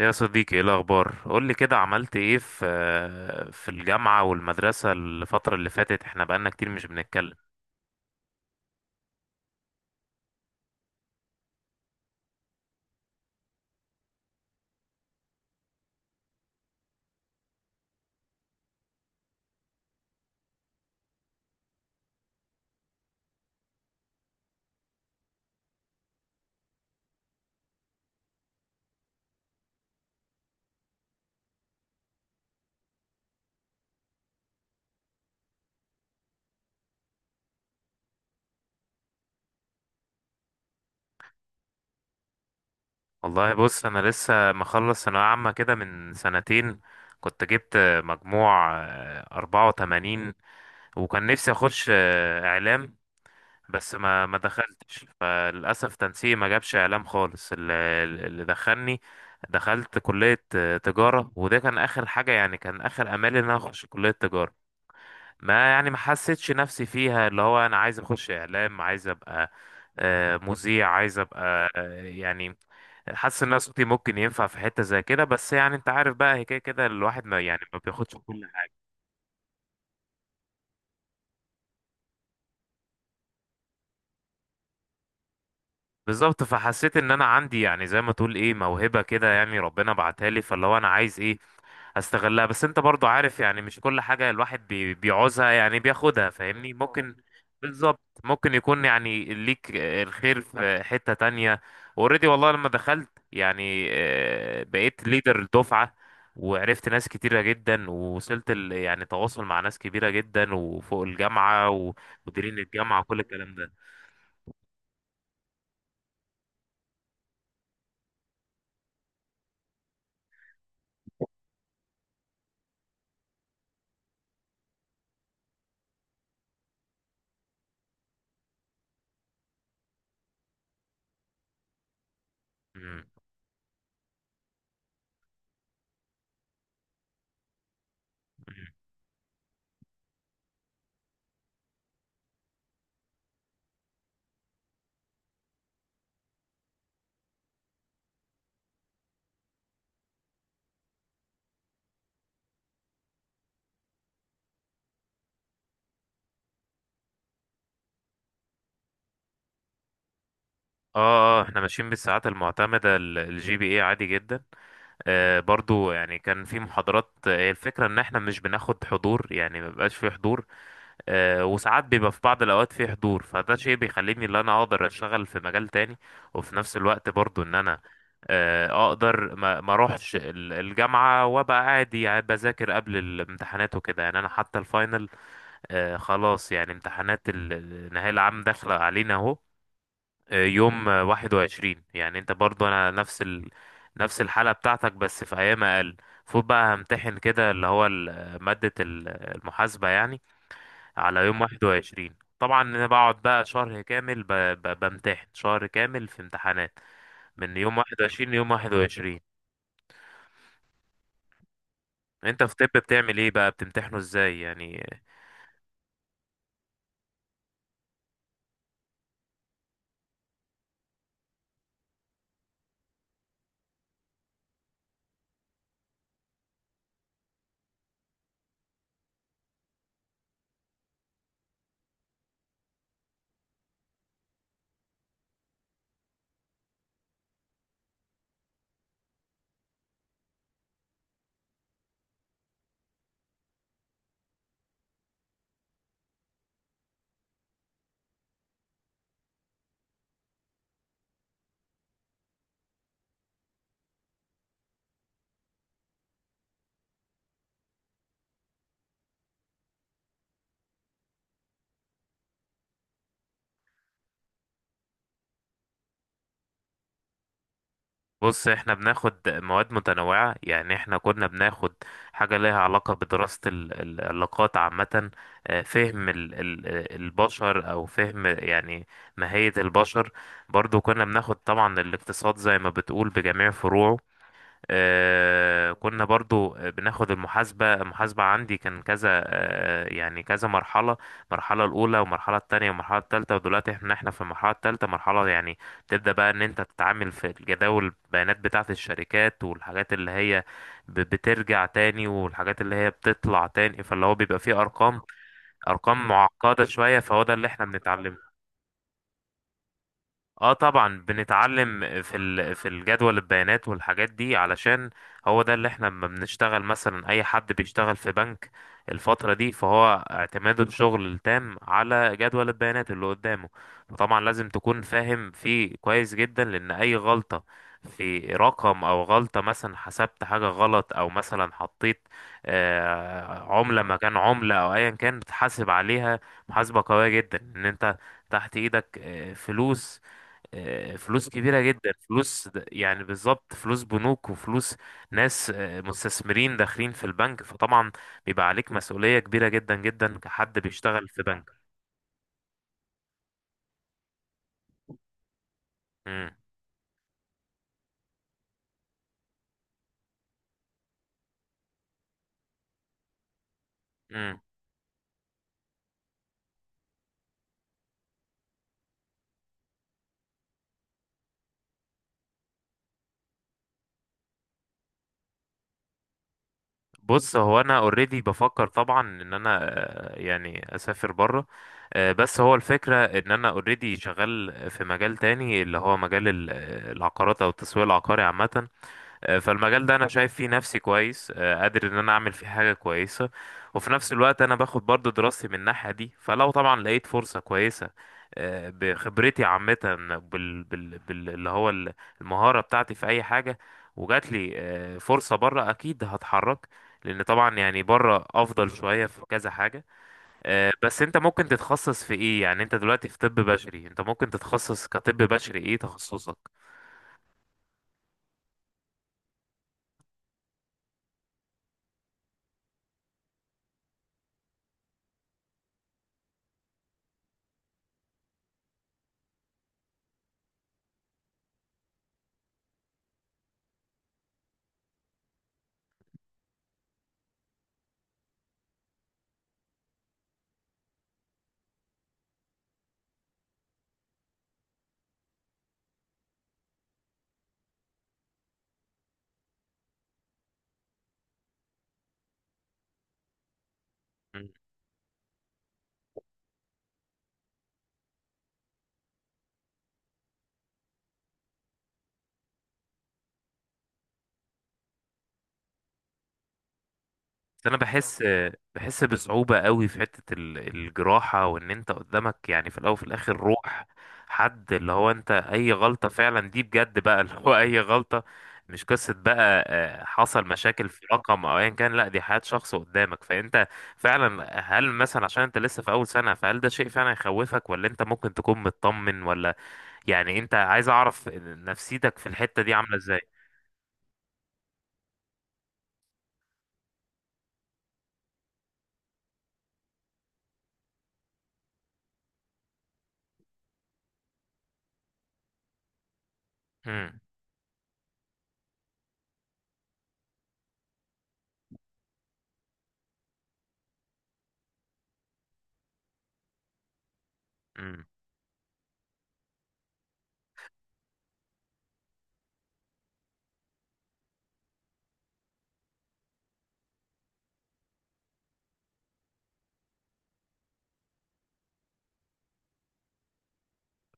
يا صديقي، ايه الاخبار؟ قول لي كده، عملت ايه في الجامعه والمدرسه الفتره اللي فاتت؟ احنا بقالنا كتير مش بنتكلم. والله بص، انا لسه مخلص ثانويه عامه كده من سنتين. كنت جبت مجموع 84، وكان نفسي اخش اعلام، بس ما دخلتش. فللاسف تنسيقي ما جابش اعلام خالص. اللي دخلني، دخلت كليه تجاره، وده كان اخر حاجه، يعني كان اخر امالي ان انا اخش كليه تجاره. ما يعني ما حسيتش نفسي فيها، اللي هو انا عايز اخش اعلام، عايز ابقى مذيع، عايز ابقى يعني حاسس ان أنا صوتي ممكن ينفع في حتة زي كده. بس يعني انت عارف بقى، هي كده كده الواحد ما يعني ما بياخدش كل حاجة. بالظبط. فحسيت ان انا عندي يعني زي ما تقول ايه، موهبة كده، يعني ربنا بعتها لي. فاللي هو انا عايز ايه هستغلها. بس انت برضو عارف يعني مش كل حاجة الواحد بيعوزها، يعني بياخدها، فاهمني؟ اه ممكن. بالظبط، ممكن يكون يعني ليك الخير في حتة تانية. اوريدي والله لما دخلت يعني، بقيت ليدر الدفعة، وعرفت ناس كتيرة جدا، ووصلت يعني تواصل مع ناس كبيرة جدا، وفوق الجامعة ومديرين الجامعة وكل الكلام ده. مم. مم. اه، اه، احنا ماشيين بالساعات المعتمدة الجي بي اي عادي جدا. برضو يعني كان في محاضرات، هي الفكرة ان احنا مش بناخد حضور، يعني ما بيبقاش في حضور. وساعات بيبقى في بعض الاوقات في حضور، فده شيء بيخليني ان انا اقدر اشتغل في مجال تاني. وفي نفس الوقت برضو ان انا اقدر ما اروحش الجامعة وابقى عادي، يعني بذاكر قبل الامتحانات وكده. يعني انا حتى الفاينل، خلاص يعني امتحانات النهاية العام داخلة علينا اهو. يوم 21، يعني انت برضو انا نفس نفس الحالة بتاعتك بس في ايام اقل. فوت بقى همتحن كده، اللي هو مادة المحاسبة يعني، على يوم 21. طبعا انا بقعد بقى شهر كامل بمتحن شهر كامل في امتحانات، من يوم 21 ليوم 21. انت في طب بتعمل ايه بقى، بتمتحنه ازاي يعني؟ بص، احنا بناخد مواد متنوعة، يعني احنا كنا بناخد حاجة ليها علاقة بدراسة العلاقات عامة، فهم البشر، او فهم يعني ماهية البشر. برضو كنا بناخد طبعا الاقتصاد زي ما بتقول بجميع فروعه. كنا برضو بناخد المحاسبة. المحاسبة عندي كان كذا، يعني كذا مرحلة، المرحلة الأولى والمرحلة التانية والمرحلة التالتة، ودلوقتي احنا في المرحلة التالتة، مرحلة يعني تبدأ بقى ان انت تتعامل في الجداول البيانات بتاعة الشركات، والحاجات اللي هي بترجع تاني، والحاجات اللي هي بتطلع تاني. فاللي هو بيبقى فيه أرقام، أرقام معقدة شوية. فهو ده اللي احنا بنتعلمه. اه طبعا، بنتعلم في في الجدول البيانات والحاجات دي، علشان هو ده اللي احنا لما بنشتغل، مثلا اي حد بيشتغل في بنك الفترة دي، فهو اعتماده الشغل التام على جدول البيانات اللي قدامه. فطبعا لازم تكون فاهم فيه كويس جدا، لان اي غلطة في رقم، او غلطة مثلا حسبت حاجة غلط، او مثلا حطيت عملة مكان عملة او ايا كان، بتحاسب عليها. محاسبة قوية جدا، ان انت تحت ايدك فلوس، فلوس كبيرة جدا، يعني بالظبط فلوس بنوك وفلوس ناس مستثمرين داخلين في البنك. فطبعا بيبقى عليك مسؤولية كبيرة جدا جدا، كحد بيشتغل في بنك. مم. مم. بص، هو انا اوريدي بفكر طبعا ان انا يعني اسافر بره، بس هو الفكرة ان انا اوريدي شغال في مجال تاني، اللي هو مجال العقارات او التسويق العقاري عامة. فالمجال ده انا شايف فيه نفسي كويس، قادر ان انا اعمل فيه حاجه كويسه. وفي نفس الوقت انا باخد برضو دراستي من الناحيه دي. فلو طبعا لقيت فرصه كويسه بخبرتي عامه اللي هو المهاره بتاعتي في اي حاجه، وجات لي فرصه بره، اكيد هتحرك، لان طبعا يعني بره افضل شويه في كذا حاجه. بس انت ممكن تتخصص في ايه يعني؟ انت دلوقتي في طب بشري، انت ممكن تتخصص كطب بشري، ايه تخصصك؟ بس انا بحس بصعوبة قوي في حتة الجراحة، وان انت قدامك يعني في الاول وفي الاخر روح حد، اللي هو انت اي غلطة فعلا دي بجد بقى، اللي هو اي غلطة، مش قصة بقى حصل مشاكل في رقم او ايا كان، لا دي حياة شخص قدامك. فانت فعلا هل مثلا، عشان انت لسه في اول سنة، فهل ده شيء فعلا يخوفك ولا انت ممكن تكون مطمن؟ ولا يعني انت عايز اعرف نفسيتك في الحتة دي عاملة ازاي. مم. مم.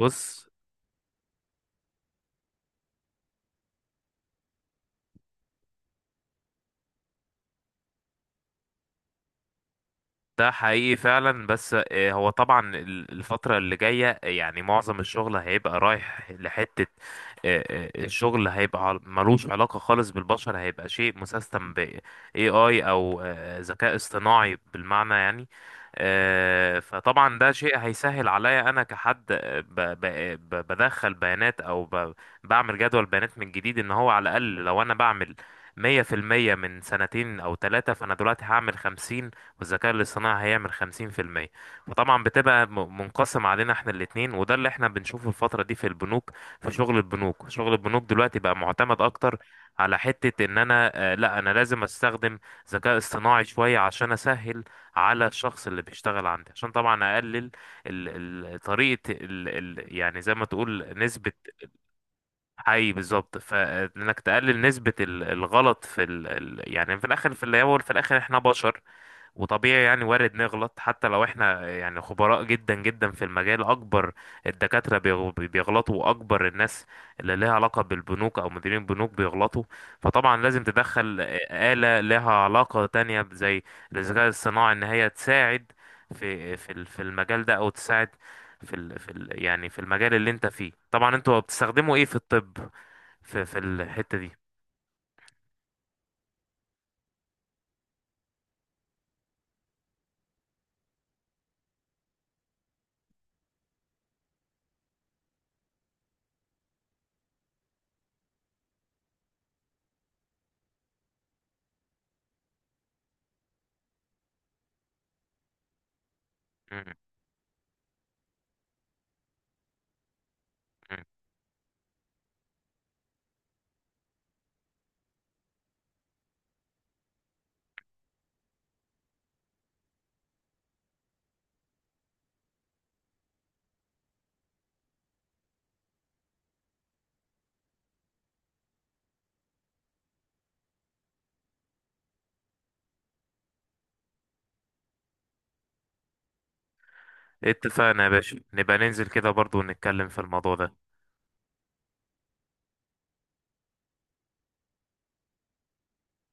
بص، ده حقيقي فعلا، بس هو طبعا الفترة اللي جاية يعني معظم الشغل هيبقى رايح لحتة، الشغل هيبقى ملوش علاقة خالص بالبشر، هيبقى شيء مسيستم ب AI أو ذكاء اصطناعي بالمعنى يعني. فطبعا ده شيء هيسهل عليا أنا كحد، بدخل بيانات أو بعمل جدول بيانات من جديد، إن هو على الأقل لو أنا بعمل 100% من سنتين أو ثلاثة، فأنا دلوقتي هعمل 50 والذكاء الاصطناعي هيعمل 50%. فطبعا بتبقى منقسم علينا احنا الاتنين، وده اللي احنا بنشوفه الفترة دي في البنوك، في شغل البنوك. شغل البنوك دلوقتي بقى معتمد اكتر على حتة ان انا لا انا لازم استخدم ذكاء اصطناعي شوية، عشان اسهل على الشخص اللي بيشتغل عندي، عشان طبعا اقلل طريقة ال يعني زي ما تقول نسبة. حي بالظبط، فانك تقلل نسبة الغلط في يعني في الاخر، في الاول في الاخر احنا بشر، وطبيعي يعني وارد نغلط حتى لو احنا يعني خبراء جدا جدا في المجال. اكبر الدكاترة بيغلطوا، واكبر الناس اللي لها علاقة بالبنوك او مديرين البنوك بيغلطوا. فطبعا لازم تدخل آلة لها علاقة تانية زي الذكاء الصناعي، ان هي تساعد في المجال ده، او تساعد في ال يعني في المجال اللي انت فيه. طبعا انتوا بتستخدموا ايه في الطب، في الحتة دي؟ م- م. اتفقنا يا باشا، نبقى ننزل كده برضو ونتكلم في الموضوع ده.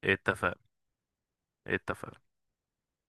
اتفق. اتفق.